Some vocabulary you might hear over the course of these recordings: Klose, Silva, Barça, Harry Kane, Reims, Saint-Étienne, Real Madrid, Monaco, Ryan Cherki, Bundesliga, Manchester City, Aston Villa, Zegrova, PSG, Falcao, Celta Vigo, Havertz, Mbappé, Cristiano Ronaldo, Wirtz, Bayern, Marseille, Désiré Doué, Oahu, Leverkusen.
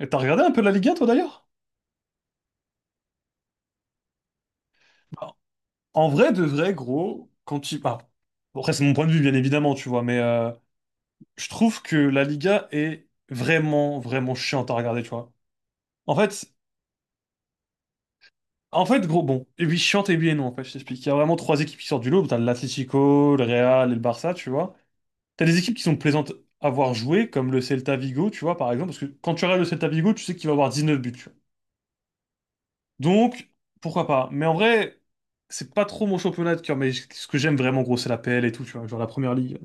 Et t'as regardé un peu la Liga, toi, d'ailleurs? Bah, en vrai, de vrai, gros, ah, bon, après, c'est mon point de vue, bien évidemment, tu vois, mais je trouve que la Liga est vraiment, vraiment chiante à regarder, tu vois. En fait, en fait, gros, bon, et oui, chiante et oui et non, en fait, je t'explique. Il y a vraiment trois équipes qui sortent du lot. T'as l'Atlético, le Real et le Barça, tu vois. T'as des équipes qui sont plaisantes à voir jouer, comme le Celta Vigo, tu vois, par exemple, parce que quand tu regardes le Celta Vigo, tu sais qu'il va avoir 19 buts, tu vois. Donc, pourquoi pas. Mais en vrai, c'est pas trop mon championnat de cœur, mais ce que j'aime vraiment, gros, c'est la PL et tout, tu vois, genre la première ligue.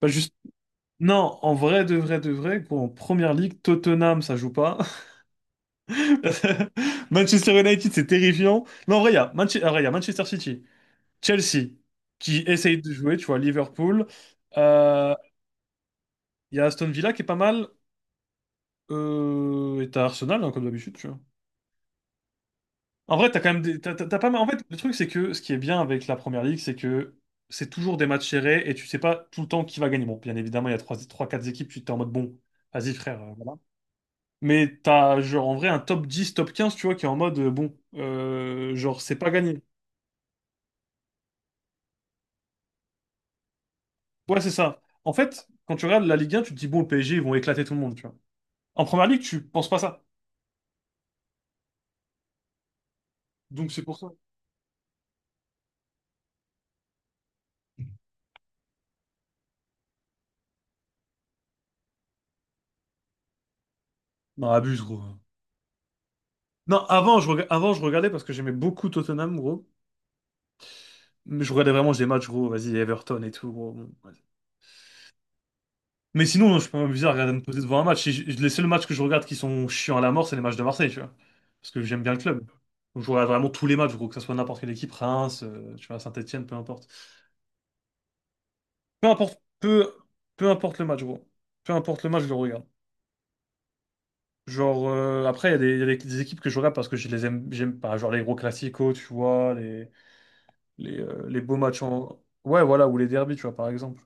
Pas juste. Non, en vrai, de vrai, de vrai, gros, en première ligue, Tottenham, ça joue pas. Manchester United, c'est terrifiant. Mais en vrai, il y a Manche- en vrai, il y a Manchester City, Chelsea, qui essaye de jouer, tu vois, Liverpool. Euh, Il y a Aston Villa qui est pas mal. Et t'as Arsenal, hein, comme d'habitude. En vrai, t'as quand même t'as pas mal. En fait, le truc, c'est que ce qui est bien avec la première ligue, c'est que c'est toujours des matchs serrés et tu sais pas tout le temps qui va gagner. Bon, bien évidemment, il y a 3 trois 4 équipes, tu t'es en mode bon, vas-y frère, voilà. Mais t'as genre en vrai un top 10, top 15, tu vois, qui est en mode bon, genre c'est pas gagné. Ouais, c'est ça. En fait, quand tu regardes la Ligue 1, tu te dis bon, le PSG, ils vont éclater tout le monde, tu vois. En première ligue, tu penses pas ça. Donc c'est pour ça. Non, abuse, gros. Non, avant, je regardais parce que j'aimais beaucoup Tottenham, gros. Mais je regardais vraiment des matchs, gros, vas-y, Everton et tout, gros. Bon, vas-y. Mais sinon, non, je peux m'amuser à regarder me poser devant un match. Si je- Les seuls matchs que je regarde qui sont chiants à la mort, c'est les matchs de Marseille, tu vois. Parce que j'aime bien le club. Donc, je regarde vraiment tous les matchs, gros, que ce soit n'importe quelle équipe, Reims, tu vois, Saint-Étienne, peu importe. Peu importe, peu, peu importe le match, gros. Peu importe le match, je le regarde. Genre, après, il y a des, il y a des équipes que je regarde parce que je les aime, j'aime pas. Genre les gros classicos, tu vois, les beaux matchs en. Ouais, voilà, ou les derbies, tu vois, par exemple.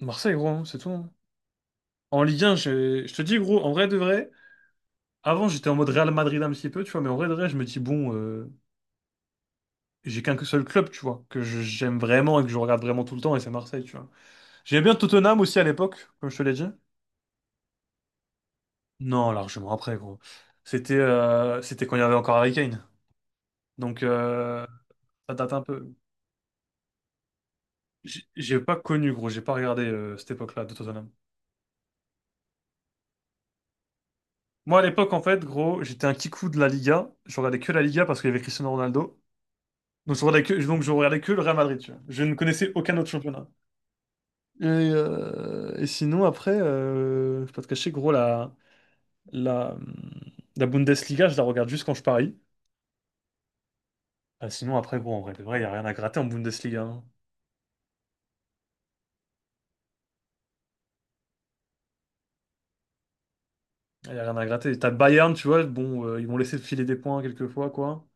Marseille, gros, hein, c'est tout, hein. En Ligue 1, je te dis, gros, en vrai de vrai, avant j'étais en mode Real Madrid un petit peu, tu vois, mais en vrai de vrai, je me dis, bon, j'ai qu'un seul club, tu vois, j'aime vraiment et que je regarde vraiment tout le temps, et c'est Marseille, tu vois. J'aimais bien Tottenham aussi à l'époque, comme je te l'ai dit. Non, largement après, gros. C'était quand il y avait encore Harry Kane. Donc, ça date un peu. J'ai pas connu, gros, j'ai pas regardé cette époque-là de Tottenham. Moi, à l'époque, en fait, gros, j'étais un kikou de la Liga. Je regardais que la Liga parce qu'il y avait Cristiano Ronaldo. Donc je regardais que le Real Madrid, tu vois. Je ne connaissais aucun autre championnat. Et sinon, après, je vais pas te cacher, gros, la, la Bundesliga, je la regarde juste quand je parie. Ah, sinon, après, gros, en vrai, de vrai, il n'y a rien à gratter en Bundesliga, hein. Il n'y a rien à gratter. T'as Bayern, tu vois, bon, ils m'ont laissé filer des points quelquefois, quoi.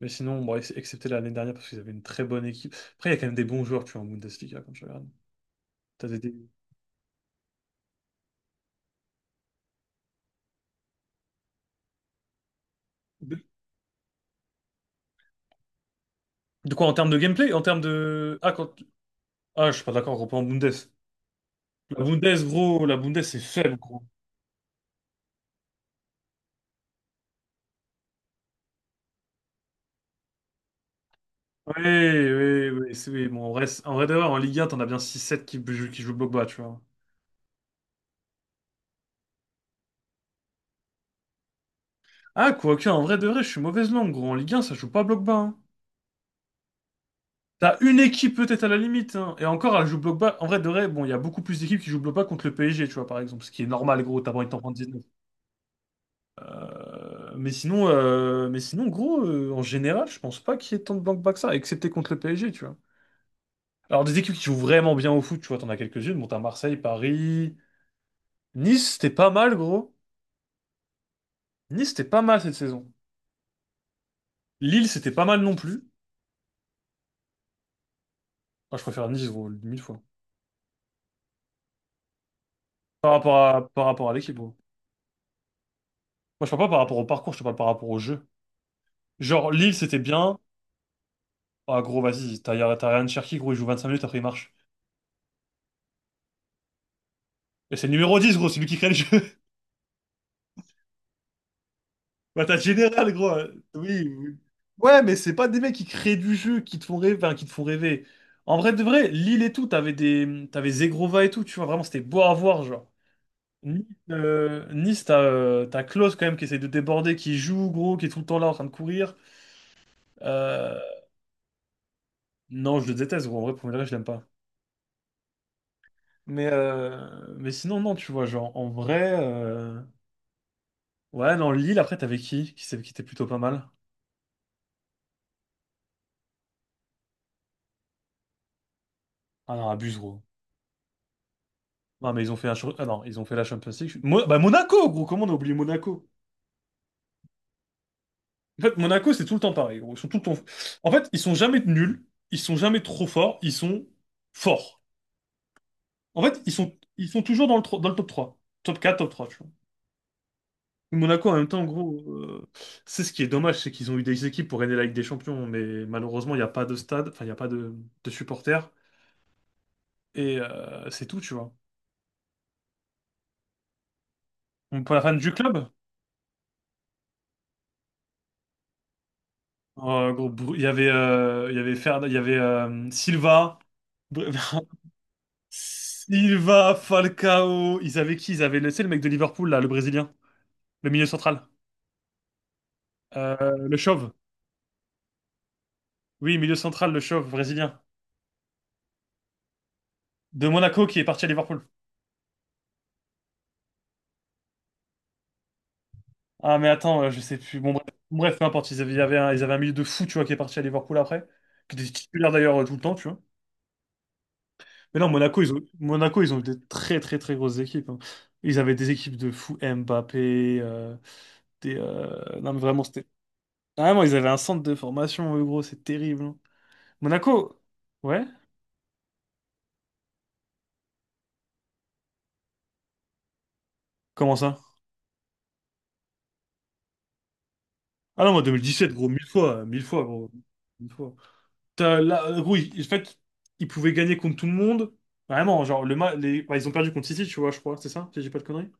Mais sinon, bon, excepté l'année dernière, parce qu'ils avaient une très bonne équipe. Après, il y a quand même des bons joueurs, tu vois, en Bundesliga, quand tu regardes. T'as des- De de quoi, en termes de gameplay? En termes de... Ah, quand... Ah, je suis pas d'accord, on reprend en Bundes. La Bundes, gros, la Bundes, c'est faible, gros. Oui, oui, oui, oui. Bon, en vrai, en vrai de vrai, en Ligue 1, t'en as bien six, sept qui, jouent bloc bas, tu vois. Ah, quoique, en vrai de vrai, je suis mauvaise langue, gros. En Ligue 1, ça joue pas bloc bas, hein. T'as une équipe peut-être à la limite, hein. Et encore, elle joue bloc bas. En vrai de vrai, bon, il y a beaucoup plus d'équipes qui jouent bloc bas contre le PSG, tu vois, par exemple. Ce qui est normal, gros, t'as pas envie de t'en prendre 19. Mais sinon, gros, en général, je pense pas qu'il y ait tant de bloc bas que ça, excepté contre le PSG, tu vois. Alors, des équipes qui jouent vraiment bien au foot, tu vois, t'en as quelques-unes. Bon, t'as Marseille, Paris. Nice, c'était pas mal, gros. Nice, c'était pas mal cette saison. Lille, c'était pas mal non plus. Enfin, je préfère Nice, gros, mille fois. Par rapport à l'équipe, gros. Moi, je parle pas par rapport au parcours, je te parle par rapport au jeu. Genre, Lille, c'était bien. Ah, gros, vas-y, t'as Ryan Cherki, gros, il joue 25 minutes, après il marche. Et c'est le numéro 10 gros, c'est lui qui crée le jeu. Bah, t'as Général, gros, hein. Oui, oui. Ouais, mais c'est pas des mecs qui créent du jeu, qui te font rêver, enfin, qui te font rêver. En vrai de vrai, Lille et tout, t'avais Zegrova et tout, tu vois, vraiment, c'était beau à voir, genre. Nice, Nice, t'as Klose quand même qui essaie de déborder, qui joue gros, qui est tout le temps là en train de courir. Euh, non, je le déteste gros, en vrai, pour me dire, je l'aime pas. Mais, euh, mais sinon, non, tu vois, genre en vrai. Ouais, non, Lille, après, t'avais qui? Qui était plutôt pas mal? Ah non, abuse, gros. Non, mais ils ont fait, ah non, ils ont fait la Champions League. Bah, Monaco, gros, comment on a oublié Monaco? En fait, Monaco, c'est tout le temps pareil, gros. Ils sont tout le temps... En fait, ils sont jamais nuls, ils sont jamais trop forts, ils sont forts. En fait, ils sont toujours dans le, dans le top 3, top 4, top trois, tu vois. Monaco, en même temps, en gros, c'est ce qui est dommage, c'est qu'ils ont eu des équipes pour gagner la Ligue des Champions, mais malheureusement, il n'y a pas de stade, enfin, il n'y a pas de supporters, et c'est tout, tu vois. Donc, pour la fan du club, gros, il y avait, il y avait, il y avait Silva, Br- Silva, Falcao, ils avaient qui? C'est le mec de Liverpool, là, le Brésilien, le milieu central. Euh, le chauve. Oui, milieu central, le chauve brésilien. De Monaco qui est parti à Liverpool. Ah, mais attends, je sais plus. Bon, bref, peu importe. Ils avaient un milieu de fou, tu vois, qui est parti à Liverpool après. Qui était titulaire d'ailleurs, tout le temps, tu vois. Mais non, Monaco, ils ont eu des très, très, très grosses équipes, hein. Ils avaient des équipes de fou, Mbappé. Non, mais vraiment, c'était. Ah, vraiment, ils avaient un centre de formation, eux, gros, c'est terrible, hein. Monaco? Ouais? Comment ça? Ah non, moi, 2017, gros, mille fois, gros. Mille fois. Là, oui, en fait, ils pouvaient gagner contre tout le monde. Vraiment, genre, les... bah, ils ont perdu contre City, tu vois, je crois, c'est ça, si j'ai pas de conneries.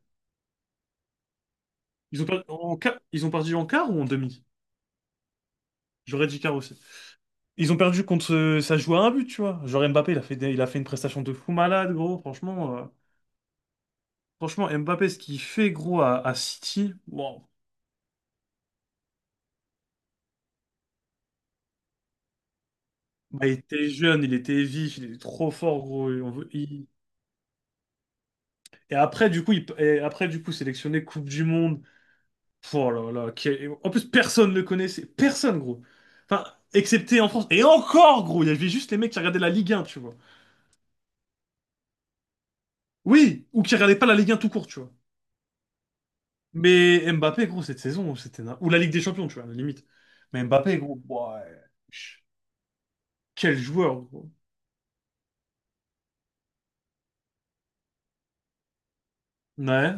Ils ont perdu en quart ou en demi? J'aurais dit quart aussi. Ils ont perdu contre. Ça joue à un but, tu vois. Genre, Mbappé, il a fait une prestation de fou malade, gros, franchement. Franchement, Mbappé, ce qu'il fait, gros, à City, wow. Bah, il était jeune, il était vif, il était trop fort, gros. Et, on veut- il- et après, du coup, il... Et après, du coup, sélectionné Coupe du Monde. Oh là là, en plus personne ne le connaissait, personne gros. Enfin, excepté en France. Et encore gros, il y avait juste les mecs qui regardaient la Ligue 1, tu vois. Oui, ou qui regardaient pas la Ligue 1 tout court, tu vois. Mais Mbappé gros, cette saison, c'était ou la Ligue des Champions, tu vois, à la limite. Mais Mbappé gros, ouais. Quel joueur gros. Ouais,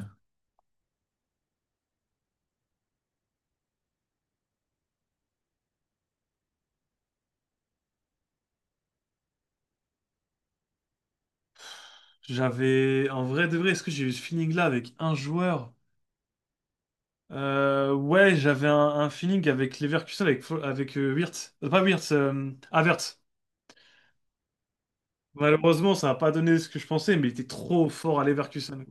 j'avais en vrai de vrai, est-ce que j'ai eu ce feeling là avec un joueur? Ouais, j'avais un feeling avec Leverkusen avec Wirtz. Pas Wirtz, Havertz. Malheureusement, ça n'a pas donné ce que je pensais, mais il était trop fort à Leverkusen.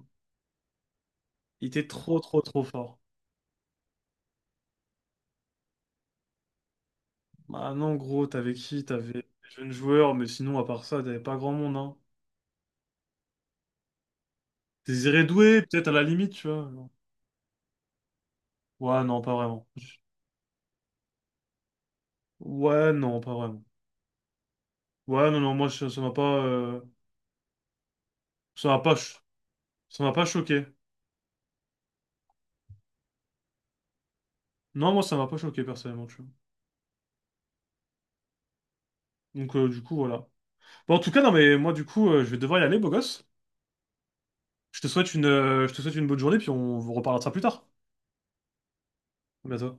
Il était trop, trop, trop fort. Bah non, gros, t'avais qui? T'avais des jeunes joueurs, mais sinon, à part ça, t'avais pas grand monde, hein. Désiré Doué, peut-être à la limite, tu vois, genre. Ouais, non, pas vraiment. Ouais, non, pas vraiment. Ouais, non, non, moi, ça m'a pas... Ça m'a pas... cho- Ça m'a pas choqué. Non, moi, ça m'a pas choqué, personnellement, tu vois. Donc, du coup, voilà. Bon, en tout cas, non, mais moi, du coup, je vais devoir y aller, beau gosse. Je te souhaite une bonne journée, puis on vous reparlera de ça plus tard. À bientôt.